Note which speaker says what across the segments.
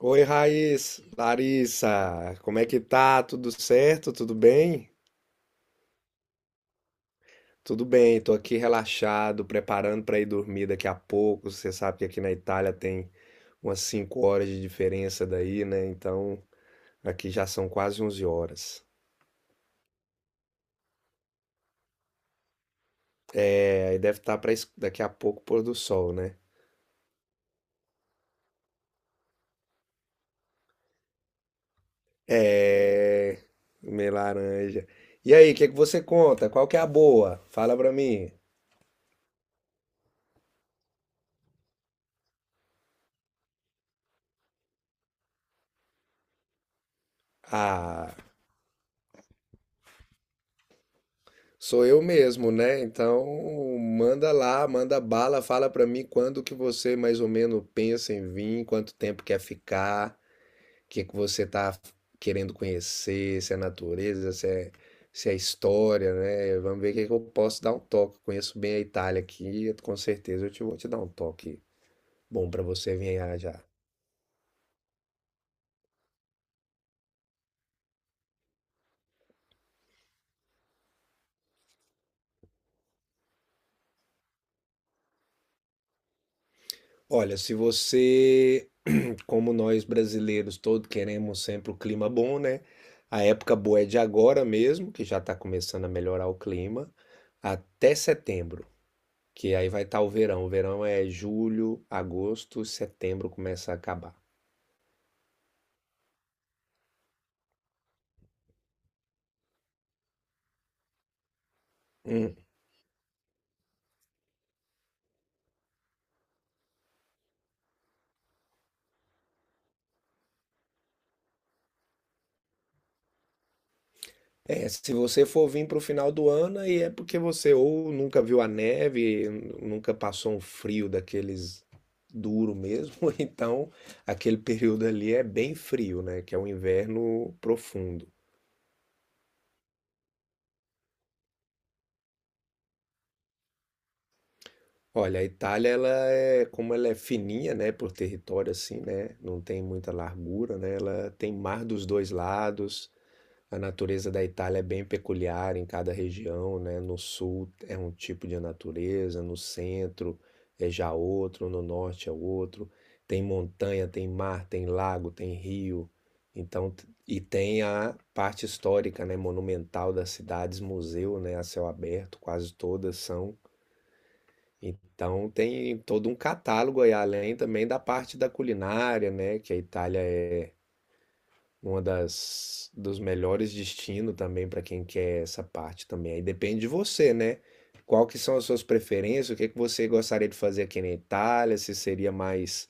Speaker 1: Oi, Raiz, Larissa, como é que tá? Tudo certo? Tudo bem? Tudo bem, tô aqui relaxado, preparando pra ir dormir daqui a pouco. Você sabe que aqui na Itália tem umas 5 horas de diferença daí, né? Então, aqui já são quase 11 horas. É, aí deve estar para daqui a pouco pôr do sol, né? É, meio laranja. E aí, o que que você conta? Qual que é a boa? Fala pra mim. Ah, sou eu mesmo, né? Então, manda lá, manda bala, fala pra mim quando que você mais ou menos pensa em vir, quanto tempo quer ficar, o que que você tá querendo conhecer, se é natureza, se é história, né? Vamos ver o que que eu posso dar um toque. Conheço bem a Itália aqui, com certeza eu te vou te dar um toque bom pra você vir já. Já. Olha, se você como nós brasileiros todos queremos sempre o clima bom, né? A época boa é de agora mesmo, que já está começando a melhorar o clima, até setembro, que aí vai estar o verão. O verão é julho, agosto, setembro começa a acabar. Hum. É, se você for vir para o final do ano, aí é porque você ou nunca viu a neve, nunca passou um frio daqueles duro mesmo, ou então aquele período ali é bem frio, né? Que é o inverno profundo. Olha, a Itália, ela é, como ela é fininha, né, por território assim, né, não tem muita largura, né, ela tem mar dos dois lados. A natureza da Itália é bem peculiar em cada região, né, no sul é um tipo de natureza, no centro é já outro, no norte é outro. Tem montanha, tem mar, tem lago, tem rio. Então, e tem a parte histórica, né, monumental das cidades, museu, né, a céu aberto, quase todas são. Então tem todo um catálogo aí, além também da parte da culinária, né? Que a Itália é uma das dos melhores destinos também para quem quer essa parte também. Aí depende de você, né? Qual que são as suas preferências? O que que você gostaria de fazer aqui na Itália? Se seria mais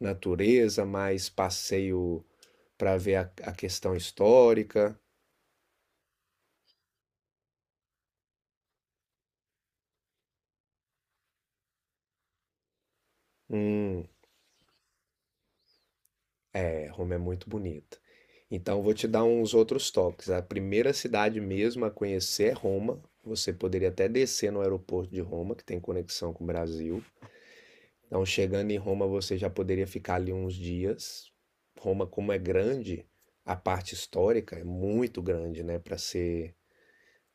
Speaker 1: natureza, mais passeio para ver a questão histórica? Hum. É, Roma é muito bonita. Então, vou te dar uns outros toques. A primeira cidade mesmo a conhecer é Roma. Você poderia até descer no aeroporto de Roma, que tem conexão com o Brasil. Então, chegando em Roma, você já poderia ficar ali uns dias. Roma, como é grande, a parte histórica é muito grande, né? Para ser.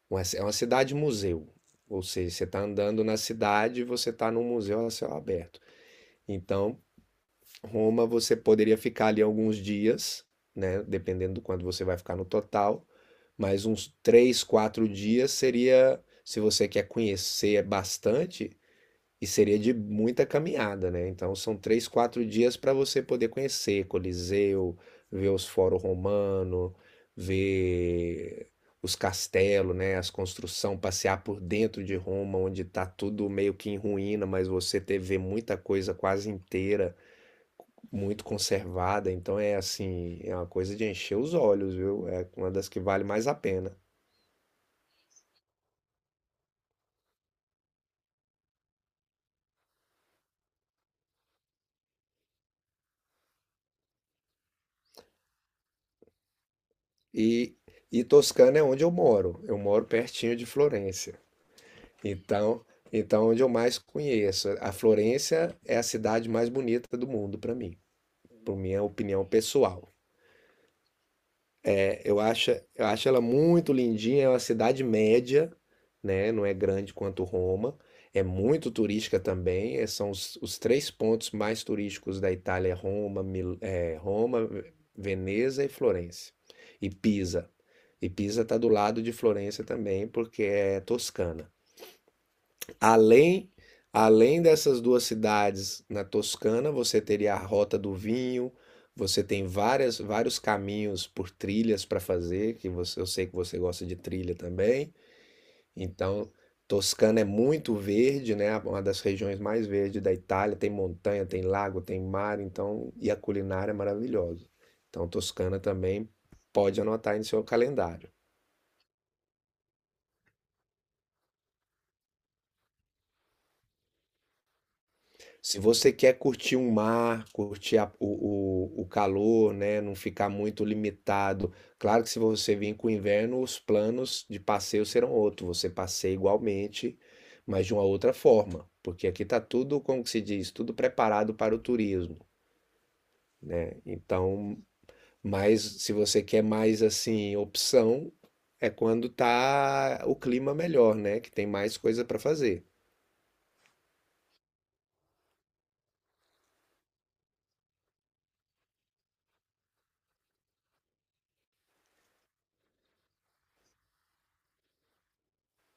Speaker 1: Uma É uma cidade-museu. Ou seja, você está andando na cidade e você está num museu a céu aberto. Então, Roma você poderia ficar ali alguns dias, né? Dependendo do quanto você vai ficar no total, mas uns 3, 4 dias seria, se você quer conhecer bastante, e seria de muita caminhada, né? Então são 3, 4 dias para você poder conhecer Coliseu, ver os Fórum Romano, ver os castelos, né? As construções, passear por dentro de Roma, onde está tudo meio que em ruína, mas você ter, ver muita coisa quase inteira muito conservada, então é assim, é uma coisa de encher os olhos, viu? É uma das que vale mais a pena. E, e Toscana é onde eu moro. Eu moro pertinho de Florença. Então, então, é onde eu mais conheço. A Florença é a cidade mais bonita do mundo para mim, por minha opinião pessoal. É, eu acho ela muito lindinha, é uma cidade média, né? Não é grande quanto Roma. É muito turística também. É, são os três pontos mais turísticos da Itália, é Roma, Roma, Veneza e Florença. E Pisa. E Pisa está do lado de Florença também, porque é Toscana. Além, além, dessas duas cidades na Toscana, você teria a Rota do Vinho, você tem várias, vários caminhos por trilhas para fazer, que você, eu sei que você gosta de trilha também. Então, Toscana é muito verde, né? Uma das regiões mais verdes da Itália, tem montanha, tem lago, tem mar, então, e a culinária é maravilhosa. Então, Toscana também pode anotar aí no seu calendário. Se você quer curtir um mar, curtir o calor, né? Não ficar muito limitado. Claro que se você vir com o inverno, os planos de passeio serão outros. Você passeia igualmente, mas de uma outra forma. Porque aqui está tudo, como que se diz, tudo preparado para o turismo, né? Então, mas se você quer mais assim, opção, é quando tá o clima melhor, né? Que tem mais coisa para fazer.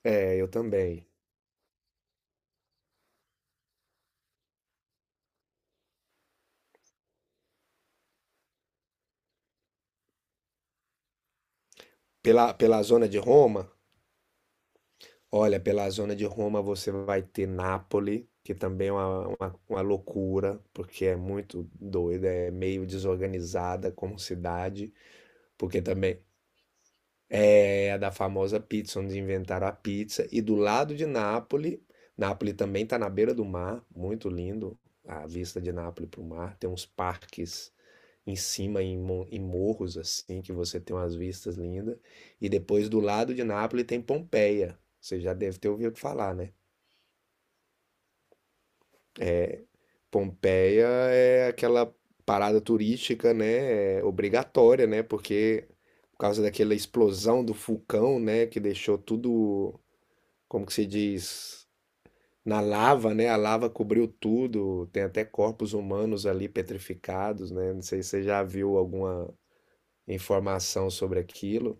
Speaker 1: É, eu também. Pela zona de Roma. Olha, pela zona de Roma você vai ter Nápoles, que também é uma loucura, porque é muito doida, é meio desorganizada como cidade, porque também é a da famosa pizza, onde inventaram a pizza. E do lado de Nápoles, Nápoles também está na beira do mar, muito lindo a vista de Nápoles para o mar. Tem uns parques em cima, em morros, assim, que você tem umas vistas lindas. E depois do lado de Nápoles tem Pompeia. Você já deve ter ouvido falar, né? Pompeia é aquela parada turística, né? É obrigatória, né? Porque por causa daquela explosão do vulcão, né? Que deixou tudo, como que se diz, na lava, né? A lava cobriu tudo. Tem até corpos humanos ali petrificados, né? Não sei se você já viu alguma informação sobre aquilo.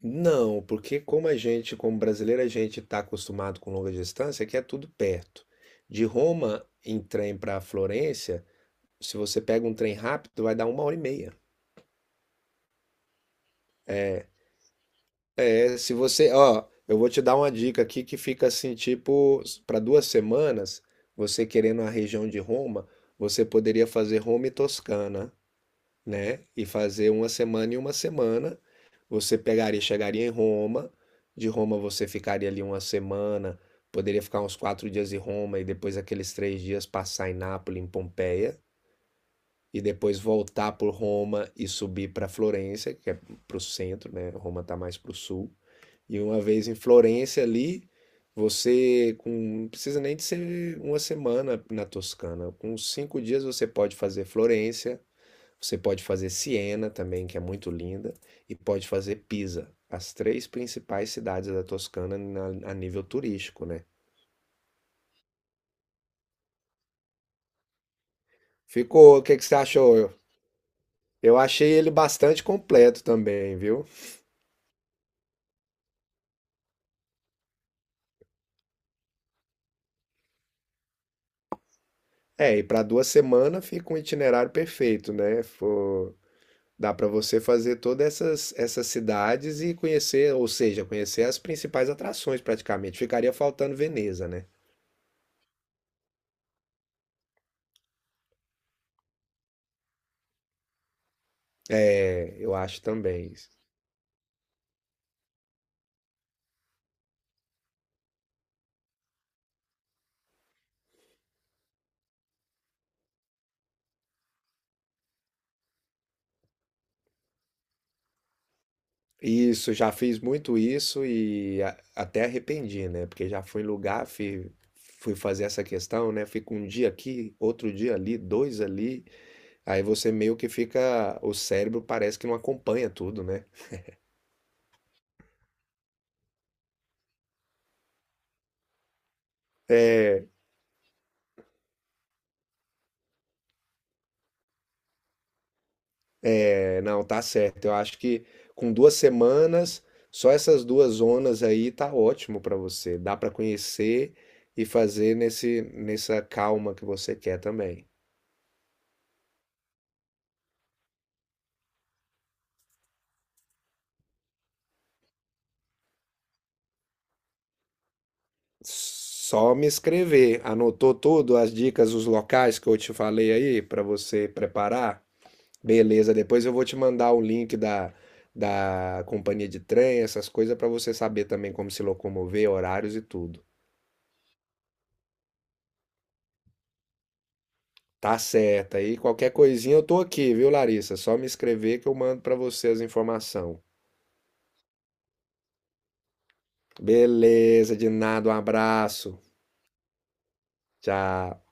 Speaker 1: Não, porque como a gente, como brasileiro, a gente está acostumado com longa distância, que é tudo perto. De Roma em trem para Florença. Se você pega um trem rápido, vai dar uma hora e meia. É, se você, ó, eu vou te dar uma dica aqui que fica assim, tipo, para 2 semanas, você querendo a região de Roma, você poderia fazer Roma e Toscana, né? E fazer uma semana e uma semana. Você pegaria, chegaria em Roma, de Roma você ficaria ali uma semana, poderia ficar uns 4 dias em Roma e depois aqueles 3 dias passar em Nápoles, em Pompeia, e depois voltar por Roma e subir para Florença, que é para o centro, né? Roma está mais para o sul. E uma vez em Florença ali, você não precisa nem de ser uma semana na Toscana. Com 5 dias você pode fazer Florença, você pode fazer Siena também, que é muito linda, e pode fazer Pisa, as três principais cidades da Toscana a nível turístico, né? Ficou, o que que você achou? Eu achei ele bastante completo também, viu? É, e para 2 semanas fica um itinerário perfeito, né? Dá para você fazer todas essas cidades e conhecer, ou seja, conhecer as principais atrações praticamente. Ficaria faltando Veneza, né? É, eu acho também. Isso, já fiz muito isso e até arrependi, né? Porque já fui em lugar, fui, fui fazer essa questão, né? Fico um dia aqui, outro dia ali, dois ali. Aí você meio que fica, o cérebro parece que não acompanha tudo, né? É, É, não, tá certo. Eu acho que com 2 semanas, só essas duas zonas aí tá ótimo pra você. Dá pra conhecer e fazer nesse, nessa calma que você quer também. Só me escrever. Anotou tudo, as dicas, os locais que eu te falei aí pra você preparar? Beleza, depois eu vou te mandar o link da, da companhia de trem, essas coisas, pra você saber também como se locomover, horários e tudo. Tá certo. Aí qualquer coisinha eu tô aqui, viu, Larissa? Só me escrever que eu mando pra você as informações. Beleza, de nada, um abraço. Tchau.